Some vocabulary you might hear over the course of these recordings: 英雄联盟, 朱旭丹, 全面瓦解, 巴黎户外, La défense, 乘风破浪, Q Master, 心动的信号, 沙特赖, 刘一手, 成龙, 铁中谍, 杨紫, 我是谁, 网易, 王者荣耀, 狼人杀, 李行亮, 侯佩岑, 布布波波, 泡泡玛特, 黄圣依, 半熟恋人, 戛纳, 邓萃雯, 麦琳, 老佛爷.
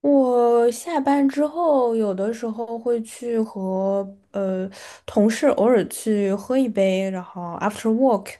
我下班之后，有的时候会去和呃同事偶尔去喝一杯，然后 after work，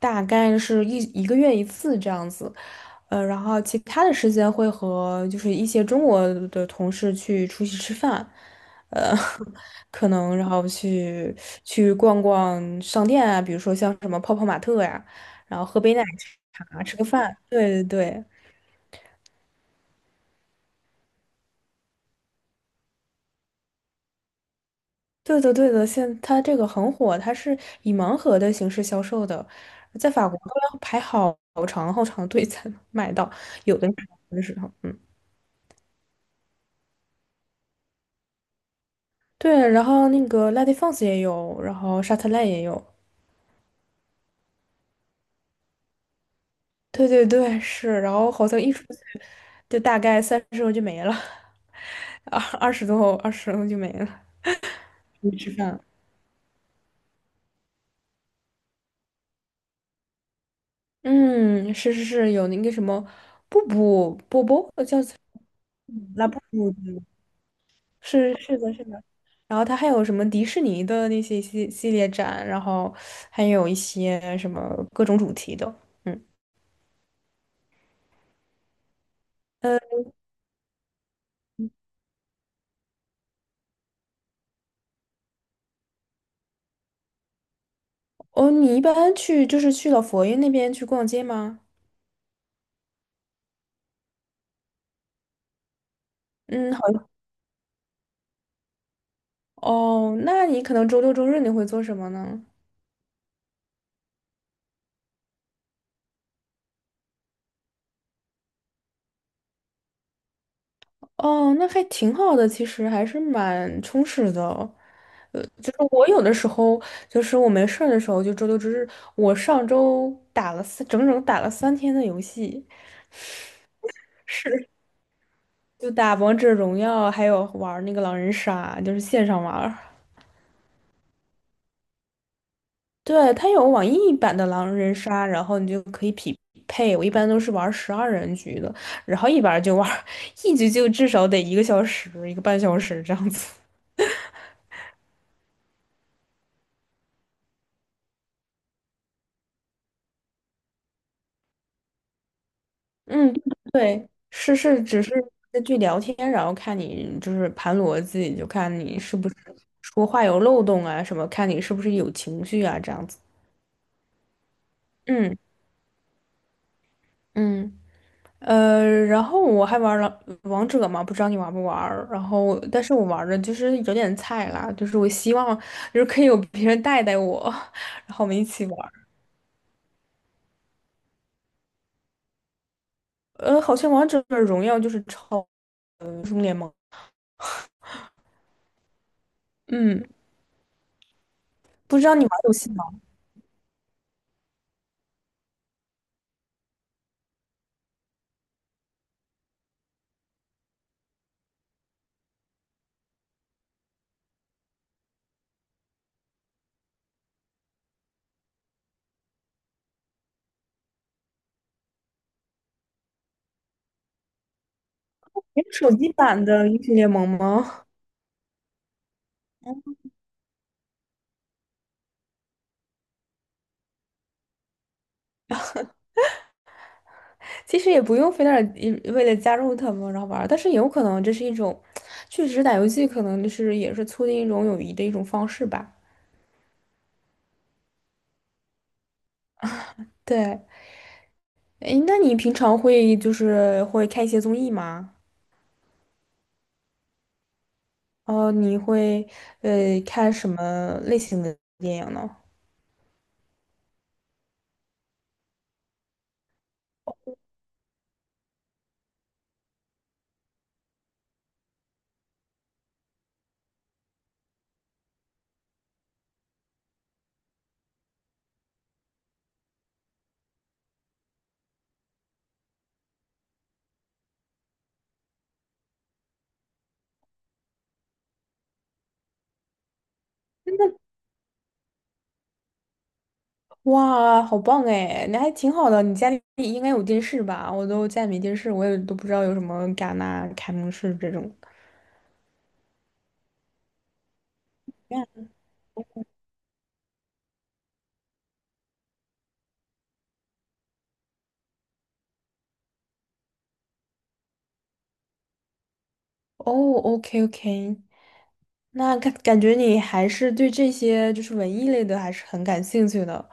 大概是一个月一次这样子。然后其他的时间会和就是一些中国的同事去出去吃饭，呃，可能然后去逛逛商店啊，比如说像什么泡泡玛特呀，然后喝杯奶茶，吃个饭。对对对。对的，对的，现它这个很火，它是以盲盒的形式销售的，在法国都要排好长好长的队才能买到，有的真是嗯，对，然后那个 La d é f e n s 也有，然后沙特赖也有，对对对，是，然后好像一出去就大概30欧就没了，二十多欧，20欧就没了，出去吃饭了嗯，是是是，有那个什么布布波波，叫是的，是的。然后它还有什么迪士尼的那些系列展，然后还有一些什么各种主题的。嗯，呃，哦，你一般去就是去老佛爷那边去逛街吗？嗯，好。哦，那你可能周六周日你会做什么呢？哦，那还挺好的，其实还是蛮充实的。就是我有的时候，就是我没事儿的时候，就周六周日，我上周打了整整打了三天的游戏。是，就打王者荣耀，还有玩儿那个狼人杀，就是线上玩儿对，它有网易版的狼人杀，然后你就可以匹配。我一般都是玩12人局的，然后一玩儿就玩儿 一局就至少得一个小时、一个半小时这样子。嗯，对，是是，只是根据聊天，然后看你就是盘逻辑，就看你是不是说话有漏洞啊什么，看你是不是有情绪啊这样子。嗯嗯。然后我还玩了王者嘛，不知道你玩不玩儿？然后，但是我玩的就是有点菜啦，就是我希望就是可以有别人带带我，然后我们一起玩儿。好像王者荣耀就是超英雄联盟，嗯，不知道你玩游戏吗？是手机版的英雄联盟吗？其实也不用非得一为了加入他们然后玩儿，但是有可能这是一种，确实打游戏可能就是也是促进一种友谊的一种方式吧。对。诶，那你平常会就是会看一些综艺吗？哦，你会看什么类型的电影呢？哇，好棒哎！那还挺好的。你家里应该有电视吧？我都家里没电视，我也都不知道有什么戛纳、开幕式这种。哦，OK OK，那感觉你还是对这些就是文艺类的还是很感兴趣的，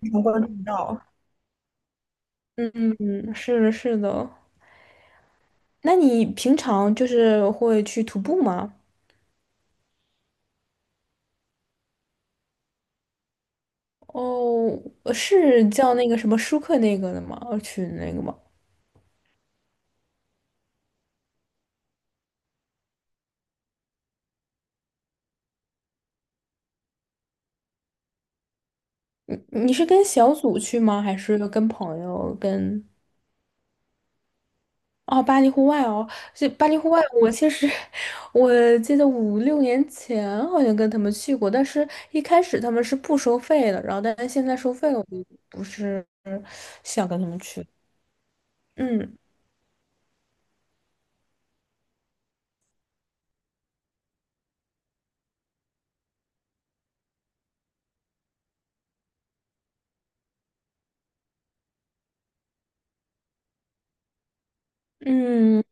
非常关注到。嗯嗯嗯，是的，是的。那你平常就是会去徒步吗？哦，是叫那个什么舒克那个的吗？群那个吗？你你是跟小组去吗？还是跟朋友跟？哦，巴黎户外哦，这巴黎户外，我其实 我记得5、6年前好像跟他们去过，但是一开始他们是不收费的，然后但是现在收费了，我就不是想跟他们去。嗯嗯，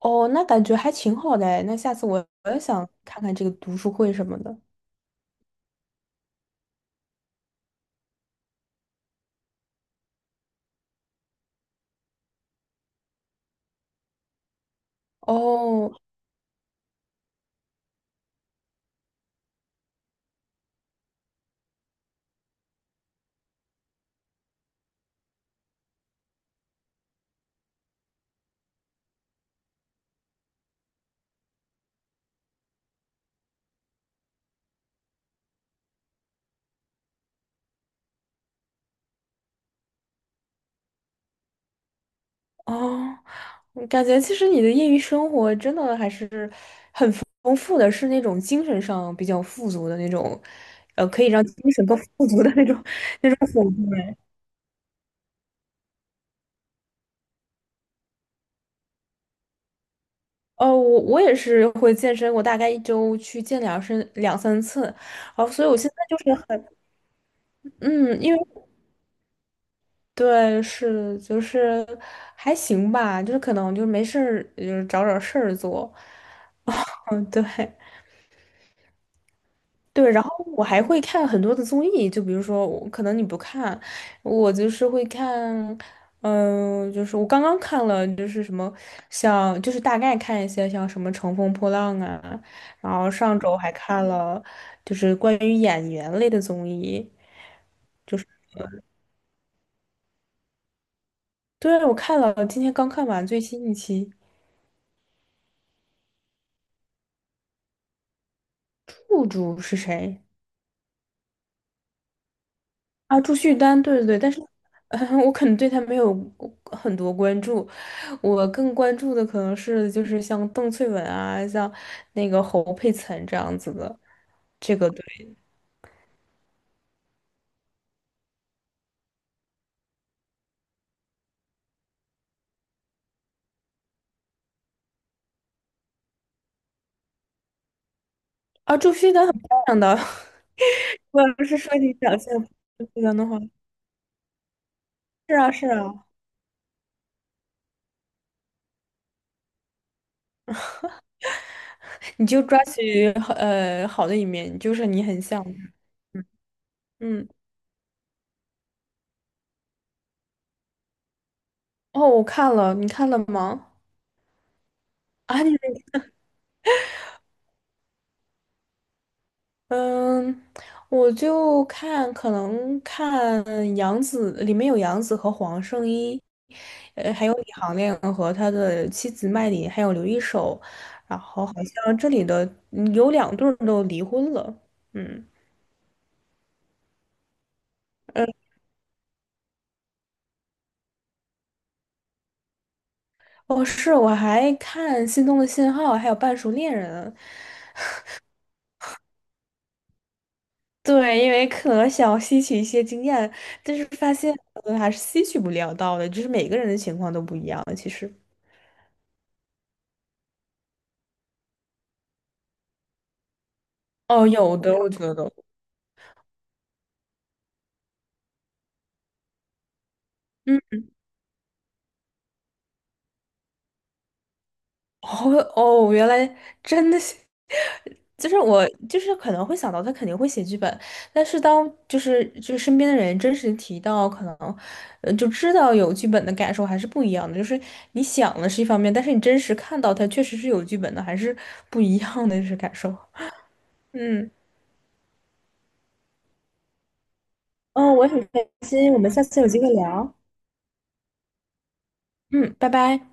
哦，那感觉还挺好的哎那下次我也想看看这个读书会什么的。哦，哦，我感觉其实你的业余生活真的还是很丰富的，是那种精神上比较富足的那种，可以让精神更富足的那种 那种活动哎哦，我也是会健身，我大概一周去健身2、3次，哦，所以我现在就是很，嗯，因为对，是就是还行吧，就是可能就是没事儿，就是找找事儿做，嗯，对。对，然后我还会看很多的综艺，就比如说我，可能你不看，我就是会看，嗯、就是我刚刚看了，就是什么像，就是大概看一些像什么《乘风破浪》啊，然后上周还看了就是关于演员类的综艺，对，我看了，今天刚看完最新一期，户主是谁？啊，朱旭丹，对对对，但是，呃我可能对他没有很多关注，我更关注的可能是就是像邓萃雯啊，像那个侯佩岑这样子的，这个对。啊，朱旭丹很漂亮的，我不是说你长相，朱旭丹的话，是啊是啊，你就抓取好好的一面，就是你很像，嗯，哦，我看了，你看了吗？啊，你。嗯，我就看可能看杨紫，里面有杨紫和黄圣依，还有李行亮和他的妻子麦琳，还有刘一手，然后好像这里的嗯有两对儿都离婚了，嗯，哦，是，我还看《心动的信号》还有《半熟恋人》，对，因为可能想要吸取一些经验，但是发现还是吸取不了到的，就是每个人的情况都不一样，其实。哦，有的，我觉得。嗯。哦哦，原来真的是，就是我就是可能会想到他肯定会写剧本，但是当就是身边的人真实提到，可能就知道有剧本的感受还是不一样的。就是你想的是一方面，但是你真实看到他确实是有剧本的，还是不一样的就是感受。嗯嗯，我也很开心，我们下次有机会聊。嗯，拜拜。